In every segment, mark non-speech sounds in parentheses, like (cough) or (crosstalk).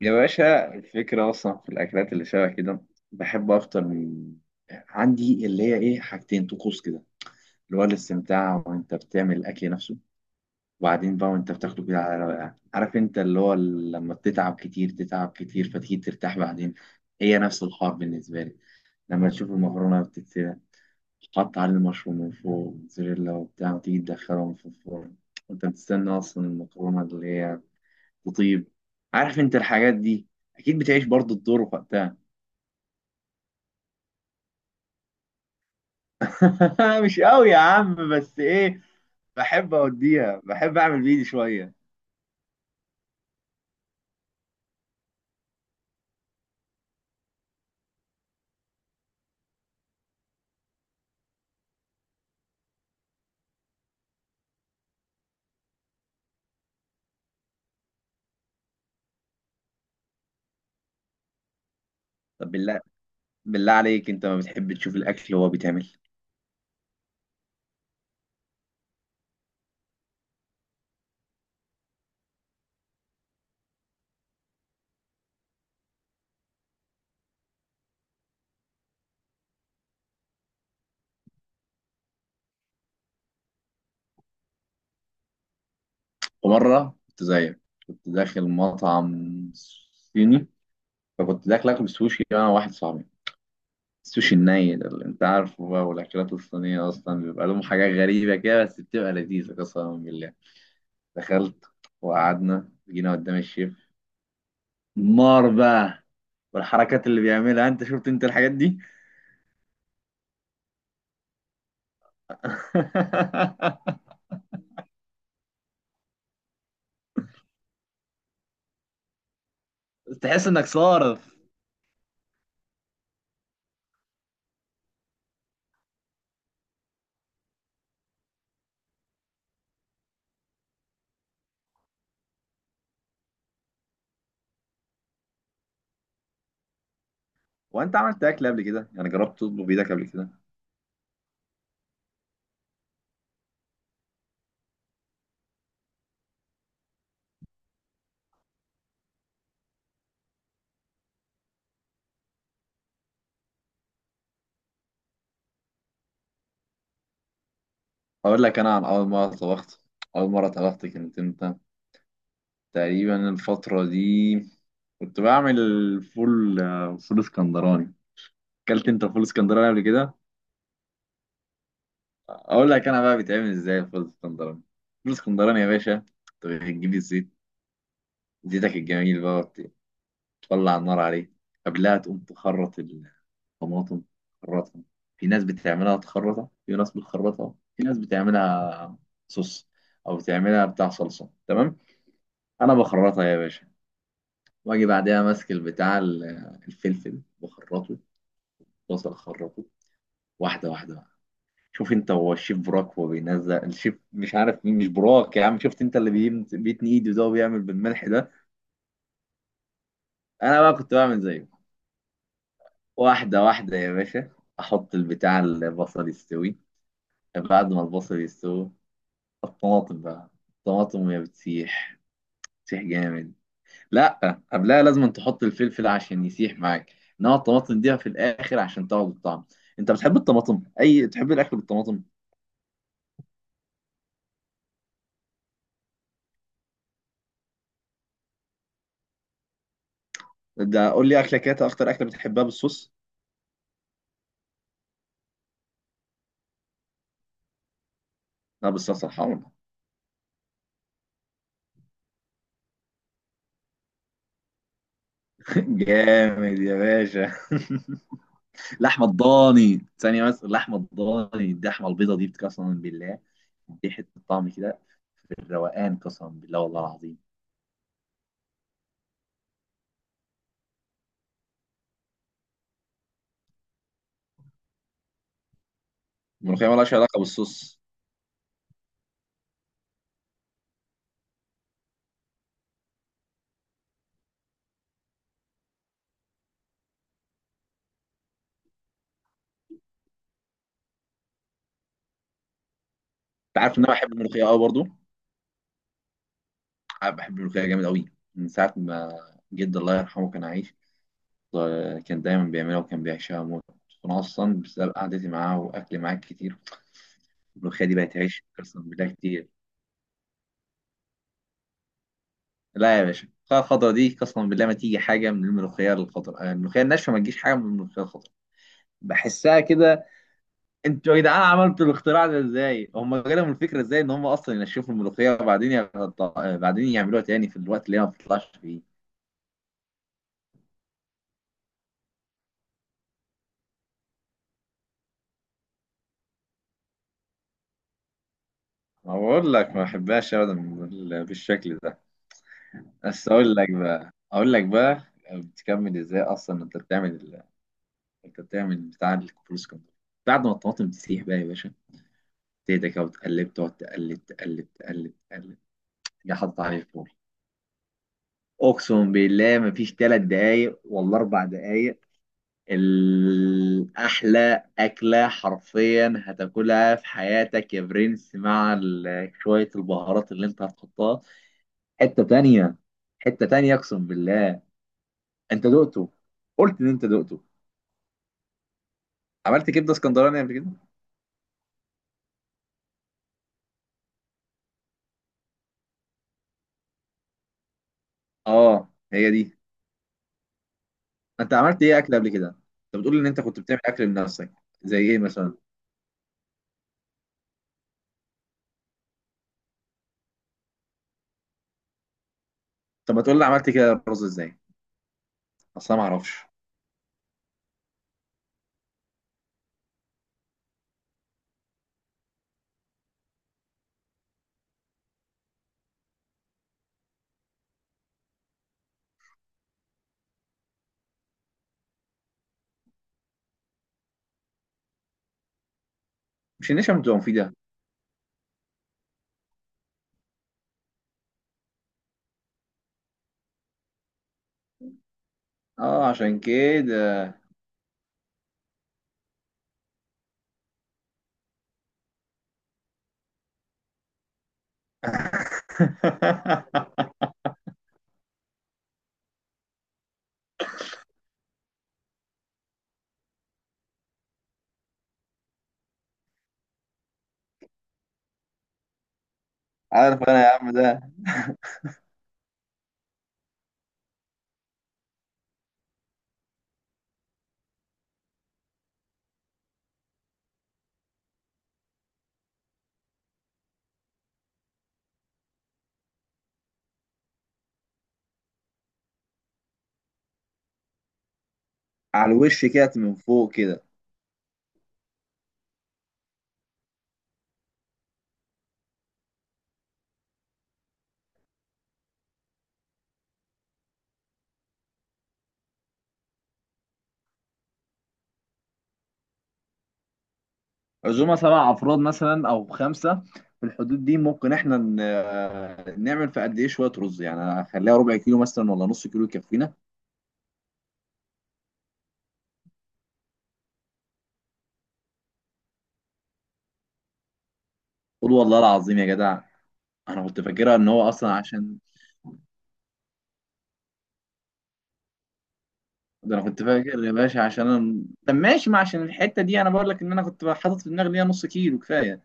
يا باشا الفكرة أصلا في الأكلات اللي شبه كده، بحب أفطر من عندي اللي هي إيه، حاجتين طقوس كده، اللي هو الاستمتاع وأنت بتعمل الأكل نفسه، وبعدين بقى وأنت بتاخده كده على رواقة. عارف أنت اللي هو لما بتتعب كتير تتعب كتير فتيجي ترتاح بعدين. هي نفس الحوار بالنسبة لي. لما تشوف المكرونة بتتسلق، تحط عليه المشروم من فوق موتزاريلا وبتاع، وتيجي تدخلهم في الفرن وأنت بتستنى أصلا المكرونة اللي هي، وطيب، عارف انت الحاجات دي، اكيد بتعيش برضو الدور وقتها. (laughs) مش قوي يا عم بس ايه، بحب اوديها، بحب اعمل بايدي شويه. طب بالله عليك، انت ما بتحب تشوف الاكل وهو بيتعمل؟ ومره كنت زيك، كنت داخل مطعم صيني، فكنت داخل اكل سوشي انا واحد صاحبي. السوشي الني ده اللي انت عارفه بقى، والاكلات الصينيه اصلا بيبقى لهم حاجات غريبه كده بس بتبقى لذيذه قسما بالله. دخلت وقعدنا جينا قدام الشيف، نار بقى، والحركات اللي بيعملها، انت شفت انت الحاجات دي؟ (laughs) تحس انك صارف. وانت عملت اكل قبل كده يعني؟ جربت تطبخ بايدك قبل كده؟ اقول لك انا عن اول مره طبخت. اول مره طبخت كانت امتى؟ تقريبا الفتره دي، كنت بعمل فول، فول اسكندراني. اكلت انت فول اسكندراني قبل كده؟ اقول لك انا بقى بيتعمل ازاي الفول اسكندراني. فول اسكندراني يا باشا، انت بتجيب الزيت، زيتك الجميل بقى، طلع النار عليه. قبلها تقوم تخرط الطماطم، تخرطها. في ناس بتعملها تخرطها، في ناس بتخرطها، في ناس بتعملها صوص، او بتعملها بتاع صلصه. تمام؟ انا بخرطها يا باشا. واجي بعدها ماسك البتاع الفلفل بخرطه، بصل اخرطه، واحده واحده بقى. شوف انت هو الشيف براك، هو بينزل الشيف مش عارف مين، مش براك يا عم، شفت انت اللي بيتني ايده ده وبيعمل بالملح ده؟ انا بقى كنت بعمل زيه، واحده واحده يا باشا. احط البتاع البصل يستوي، بعد ما البصل يستوي الطماطم بقى. الطماطم وهي بتسيح، بتسيح جامد. لا، قبلها لازم تحط الفلفل عشان يسيح معاك، انما الطماطم دي في الاخر عشان تاخد الطعم. انت بتحب الطماطم؟ اي تحب الاكل بالطماطم؟ ده قول لي اكله كده، اكتر اكله بتحبها بالصوص. لا، بالصلصه الحمرا. (laughs) جامد يا باشا. (laughs) لحمه الضاني ثانيه، بس اللحمه الضاني، اللحمه البيضه دي قسما بالله، دي حته طعم كده، الروقان قسما بالله والله العظيم. الملوخيه مالهاش علاقه بالصوص. انت عارف ان انا بحب الملوخيه قوي برضو؟ عارف، بحب الملوخيه جامد قوي، من ساعه ما جد الله يرحمه كان عايش، كان دايما بيعملها وكان بيعشقها موت، انا اصلا بسبب قعدتي معاه واكلي معاه كتير الملوخيه دي بقت عيش قسما بالله كتير. لا يا باشا، الملوخية الخضرا دي قسما بالله ما تيجي حاجه من الملوخيه الخضرا، الملوخيه الناشفه ما تجيش حاجه من الملوخيه الخضرا. بحسها كده. انتوا يا جدعان عملتوا الاختراع ده ازاي؟ هم جالهم الفكره ازاي ان هم اصلا ينشفوا الملوخيه وبعدين يغط... آه، بعدين يعملوها تاني في الوقت اللي هي ما بتطلعش فيه؟ أقول لك ما بحبهاش أبدا بالشكل ده. بس أقول لك بقى أقول لك بقى، بتكمل إزاي أصلا أنت بتعمل ال-؟ أنت بتعمل بتاع الكفر اسكندر. بعد ما الطماطم تسيح بقى يا باشا، تهدى كده وتقلب، تقعد تقلب تقلب تقلب تقلب، تيجي حاطط عليه الفول. أقسم بالله مفيش 3 دقايق ولا 4 دقايق، الأحلى أكلة حرفيا هتاكلها في حياتك يا برنس، مع شوية البهارات اللي أنت هتحطها. حته تانية، حته تانية اقسم بالله. انت دقته؟ قلت ان انت دقته. عملت كبده اسكندراني قبل كده؟ اه هي دي. انت عملت ايه اكل قبل كده؟ انت بتقول ان انت كنت بتعمل اكل لنفسك، زي ايه مثلا؟ طب ما تقول لي، عملت كده رز ازاي؟ اصلا ما اعرفش. مش النشا بتبقى مفيده؟ اه عشان كده. (laughs) عارف انا يا عم ده. على الوش كده من فوق كده؟ عزومه 7 افراد مثلا او 5، في الحدود دي ممكن احنا نعمل في قد ايه شويه رز؟ يعني اخليها ربع كيلو مثلا ولا نص كيلو يكفينا؟ قول والله العظيم يا جدع. انا كنت فاكرها ان هو اصلا عشان، ده انا كنت فاكر يا باشا عشان أنا... طب ماشي، ما عشان الحته دي انا بقول لك ان انا كنت حاطط في دماغي ان هي نص كيلو كفايه.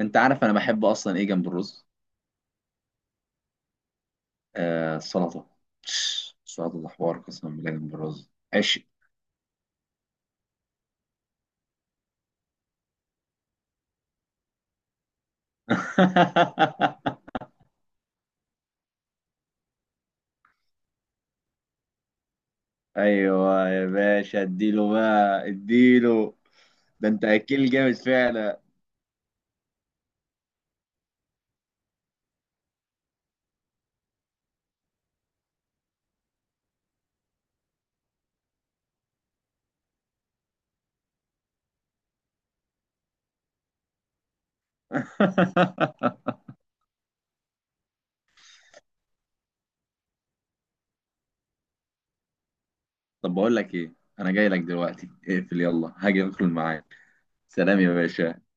انت عارف انا بحب اصلا ايه جنب الرز؟ آه، السلطه. (tsk) السلطه ده حوار قسما بالله، جنب الرز عشق. (laughs) ايوه يا باشا، اديله بقى اديله. ده انت اكيل جامد فعلا. (laughs) طب بقول لك ايه، انا جاي لك دلوقتي، اقفل يلا هاجي ادخل معاك. سلام يا باشا.